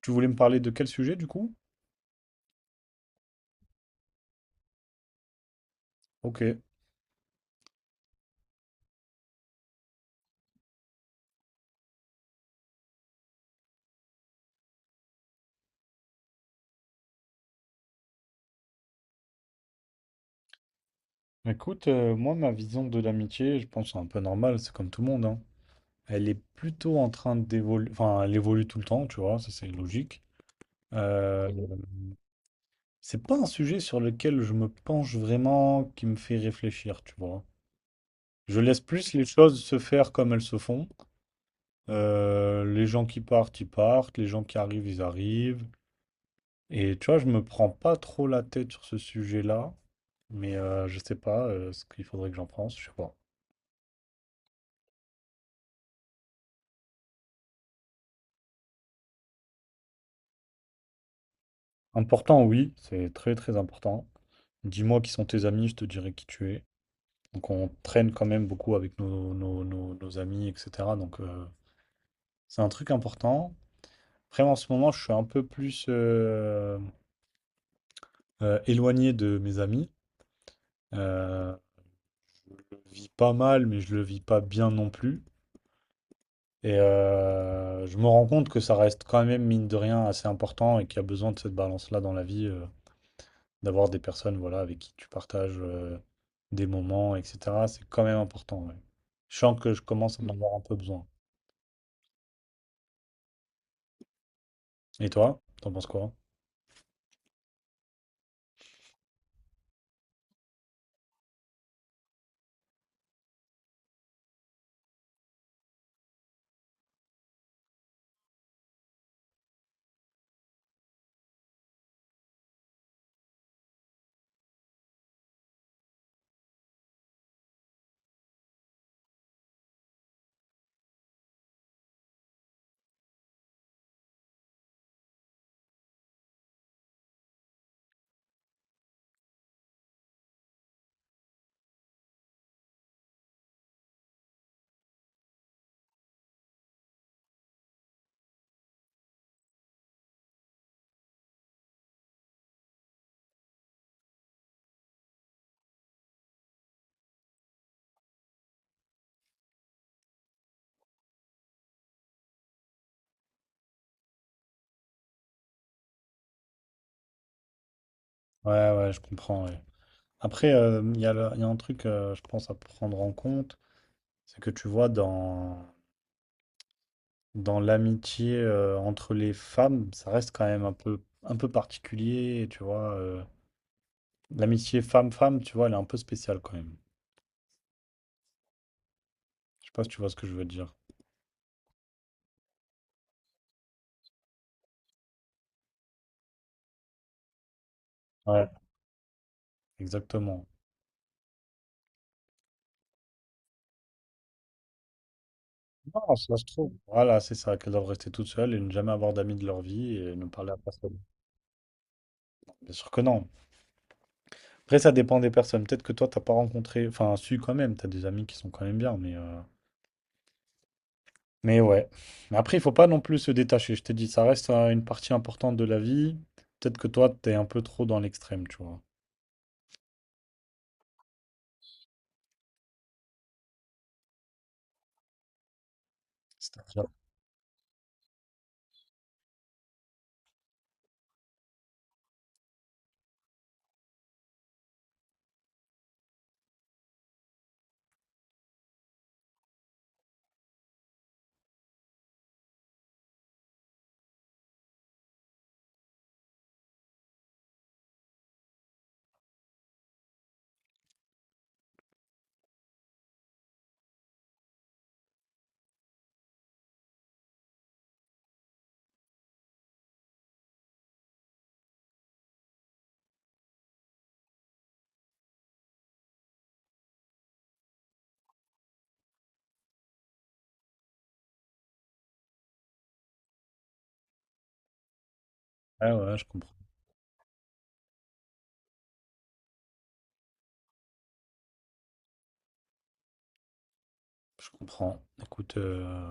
Tu voulais me parler de quel sujet du coup? Ok. Écoute, moi, ma vision de l'amitié, je pense, c'est un peu normal, c'est comme tout le monde, hein. Elle est plutôt en train d'évoluer, enfin, elle évolue tout le temps, tu vois, ça c'est logique. Mhm. C'est pas un sujet sur lequel je me penche vraiment, qui me fait réfléchir, tu vois. Je laisse plus les choses se faire comme elles se font. Les gens qui partent, ils partent, les gens qui arrivent, ils arrivent. Et tu vois, je me prends pas trop la tête sur ce sujet-là, mais je sais pas ce qu'il faudrait que j'en pense, je sais pas. Important, oui, c'est très très important. Dis-moi qui sont tes amis, je te dirai qui tu es. Donc on traîne quand même beaucoup avec nos amis, etc. Donc, c'est un truc important. Après, en ce moment, je suis un peu plus éloigné de mes amis. Euh, je le vis pas mal, mais je le vis pas bien non plus. Et je me rends compte que ça reste quand même, mine de rien, assez important et qu'il y a besoin de cette balance-là dans la vie, d'avoir des personnes voilà, avec qui tu partages des moments, etc. C'est quand même important, ouais. Je sens que je commence à en Mm. avoir un peu besoin. Et toi, t'en penses quoi? Ouais, ouais, je comprends, ouais. Après, il y a, il y a un truc, je pense, à prendre en compte, c'est que tu vois, dans l'amitié entre les femmes, ça reste quand même un peu particulier, tu vois. L'amitié femme-femme, tu vois, elle est un peu spéciale quand même. Je sais pas si tu vois ce que je veux dire. Ouais, exactement. Non, ça se trouve. Voilà, c'est ça, qu'elles doivent rester toutes seules et ne jamais avoir d'amis de leur vie et ne parler à personne. Bien sûr que non. Après, ça dépend des personnes. Peut-être que toi, t'as pas rencontré. Enfin, si, quand même, t'as des amis qui sont quand même bien, mais. Mais ouais. Mais après, il faut pas non plus se détacher. Je t'ai dit, ça reste une partie importante de la vie. Peut-être que toi, t'es un peu trop dans l'extrême, tu vois. C'est-à-dire. Ouais, ouais, je comprends. Je comprends. Écoute.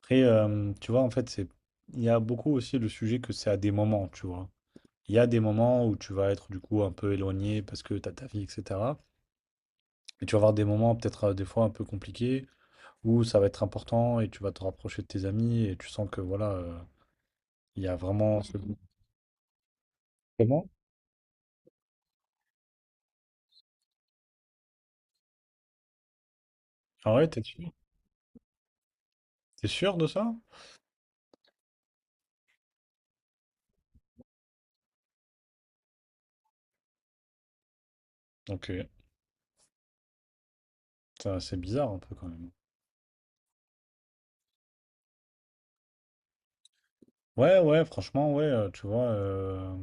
Après, tu vois, en fait, c'est, il y a beaucoup aussi le sujet que c'est à des moments, tu vois. Il y a des moments où tu vas être du coup un peu éloigné parce que tu as ta vie, etc. Et tu vas avoir des moments peut-être des fois un peu compliqués où ça va être important et tu vas te rapprocher de tes amis et tu sens que voilà, il y a vraiment ce... Comment? Ah ouais, t'es sûr? T'es sûr de ça? Ok. Ça, c'est bizarre un peu quand même. Ouais, ouais, franchement, ouais, tu vois.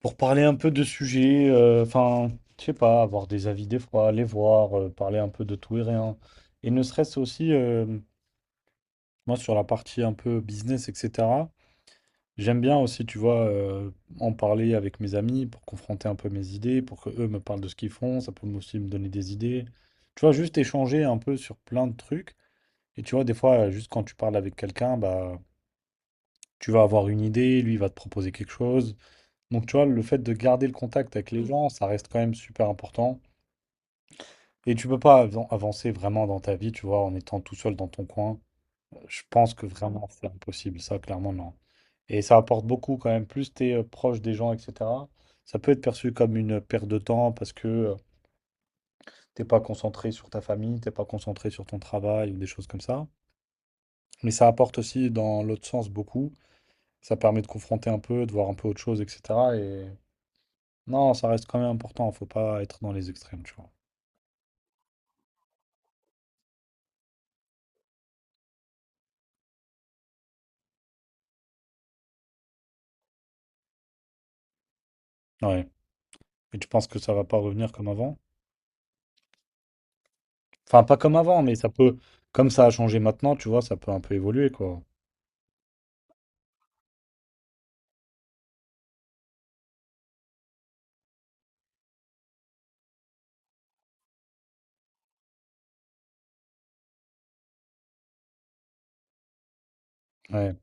Pour parler un peu de sujets, enfin, je sais pas, avoir des avis des fois, les voir, parler un peu de tout et rien. Et ne serait-ce aussi, moi, sur la partie un peu business, etc., j'aime bien aussi, tu vois, en parler avec mes amis pour confronter un peu mes idées, pour que eux me parlent de ce qu'ils font, ça peut aussi me donner des idées. Tu vois, juste échanger un peu sur plein de trucs. Et tu vois, des fois, juste quand tu parles avec quelqu'un, bah, tu vas avoir une idée, lui, il va te proposer quelque chose. Donc, tu vois, le fait de garder le contact avec les gens, ça reste quand même super important. Et tu peux pas avancer vraiment dans ta vie, tu vois, en étant tout seul dans ton coin. Je pense que vraiment, c'est impossible, ça, clairement, non. Et ça apporte beaucoup quand même. Plus tu es proche des gens, etc., ça peut être perçu comme une perte de temps parce que t'es pas concentré sur ta famille, t'es pas concentré sur ton travail ou des choses comme ça. Mais ça apporte aussi dans l'autre sens beaucoup. Ça permet de confronter un peu, de voir un peu autre chose, etc. Et non, ça reste quand même important. Faut pas être dans les extrêmes, tu vois. Ouais. Et tu penses que ça va pas revenir comme avant? Enfin, pas comme avant, mais ça peut, comme ça a changé maintenant, tu vois, ça peut un peu évoluer, quoi. Ouais,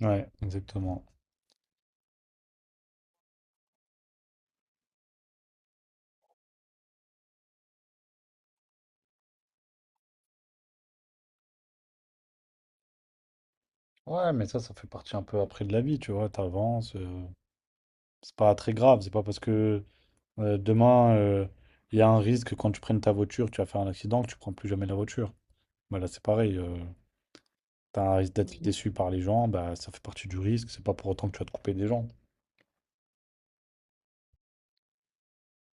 ouais, exactement. Ouais, mais ça fait partie un peu après de la vie, tu vois, t'avances, c'est pas très grave, c'est pas parce que demain, il y a un risque que quand tu prennes ta voiture, tu vas faire un accident, que tu prends plus jamais la voiture. Bah là, c'est pareil, t'as un risque d'être déçu par les gens, bah ça fait partie du risque, c'est pas pour autant que tu vas te couper des gens.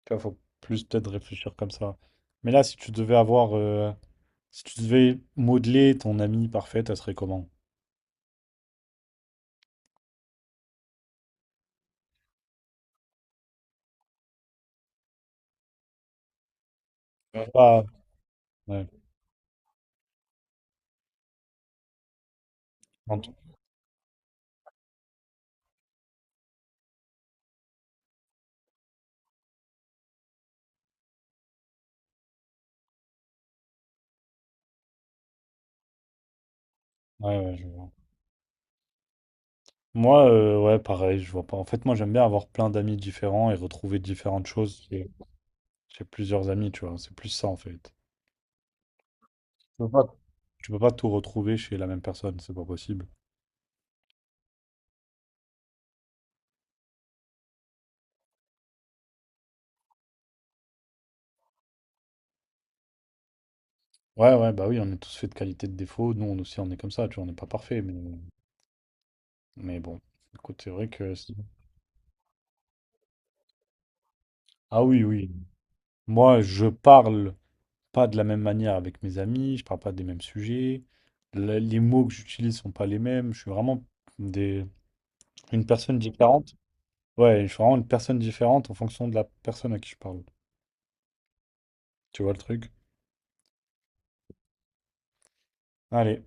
Tu vois, faut plus peut-être réfléchir comme ça. Mais là, si tu devais avoir... Si tu devais modeler ton amie parfaite, elle serait comment? Ouais. Pas. Ouais, quand- ouais, ouais, je vois. Moi, ouais, pareil, je vois pas. En fait, moi, j'aime bien avoir plein d'amis différents et retrouver différentes choses chez, chez plusieurs amis, tu vois. C'est plus ça, en fait. Tu peux pas, tu peux pas tout retrouver chez la même personne, c'est pas possible. Ouais, ouais, bah oui, on est tous faits de qualités, de défauts. Nous, on aussi, on est comme ça, tu vois, on n'est pas parfait, mais bon. Écoute, c'est vrai que. C'est- Ah oui, oui. Moi, je parle. Pas de la même manière avec mes amis, je parle pas des mêmes sujets, les mots que j'utilise sont pas les mêmes, je suis vraiment des, une personne différente. Ouais, je suis vraiment une personne différente en fonction de la personne à qui je parle. Tu vois le truc? Allez.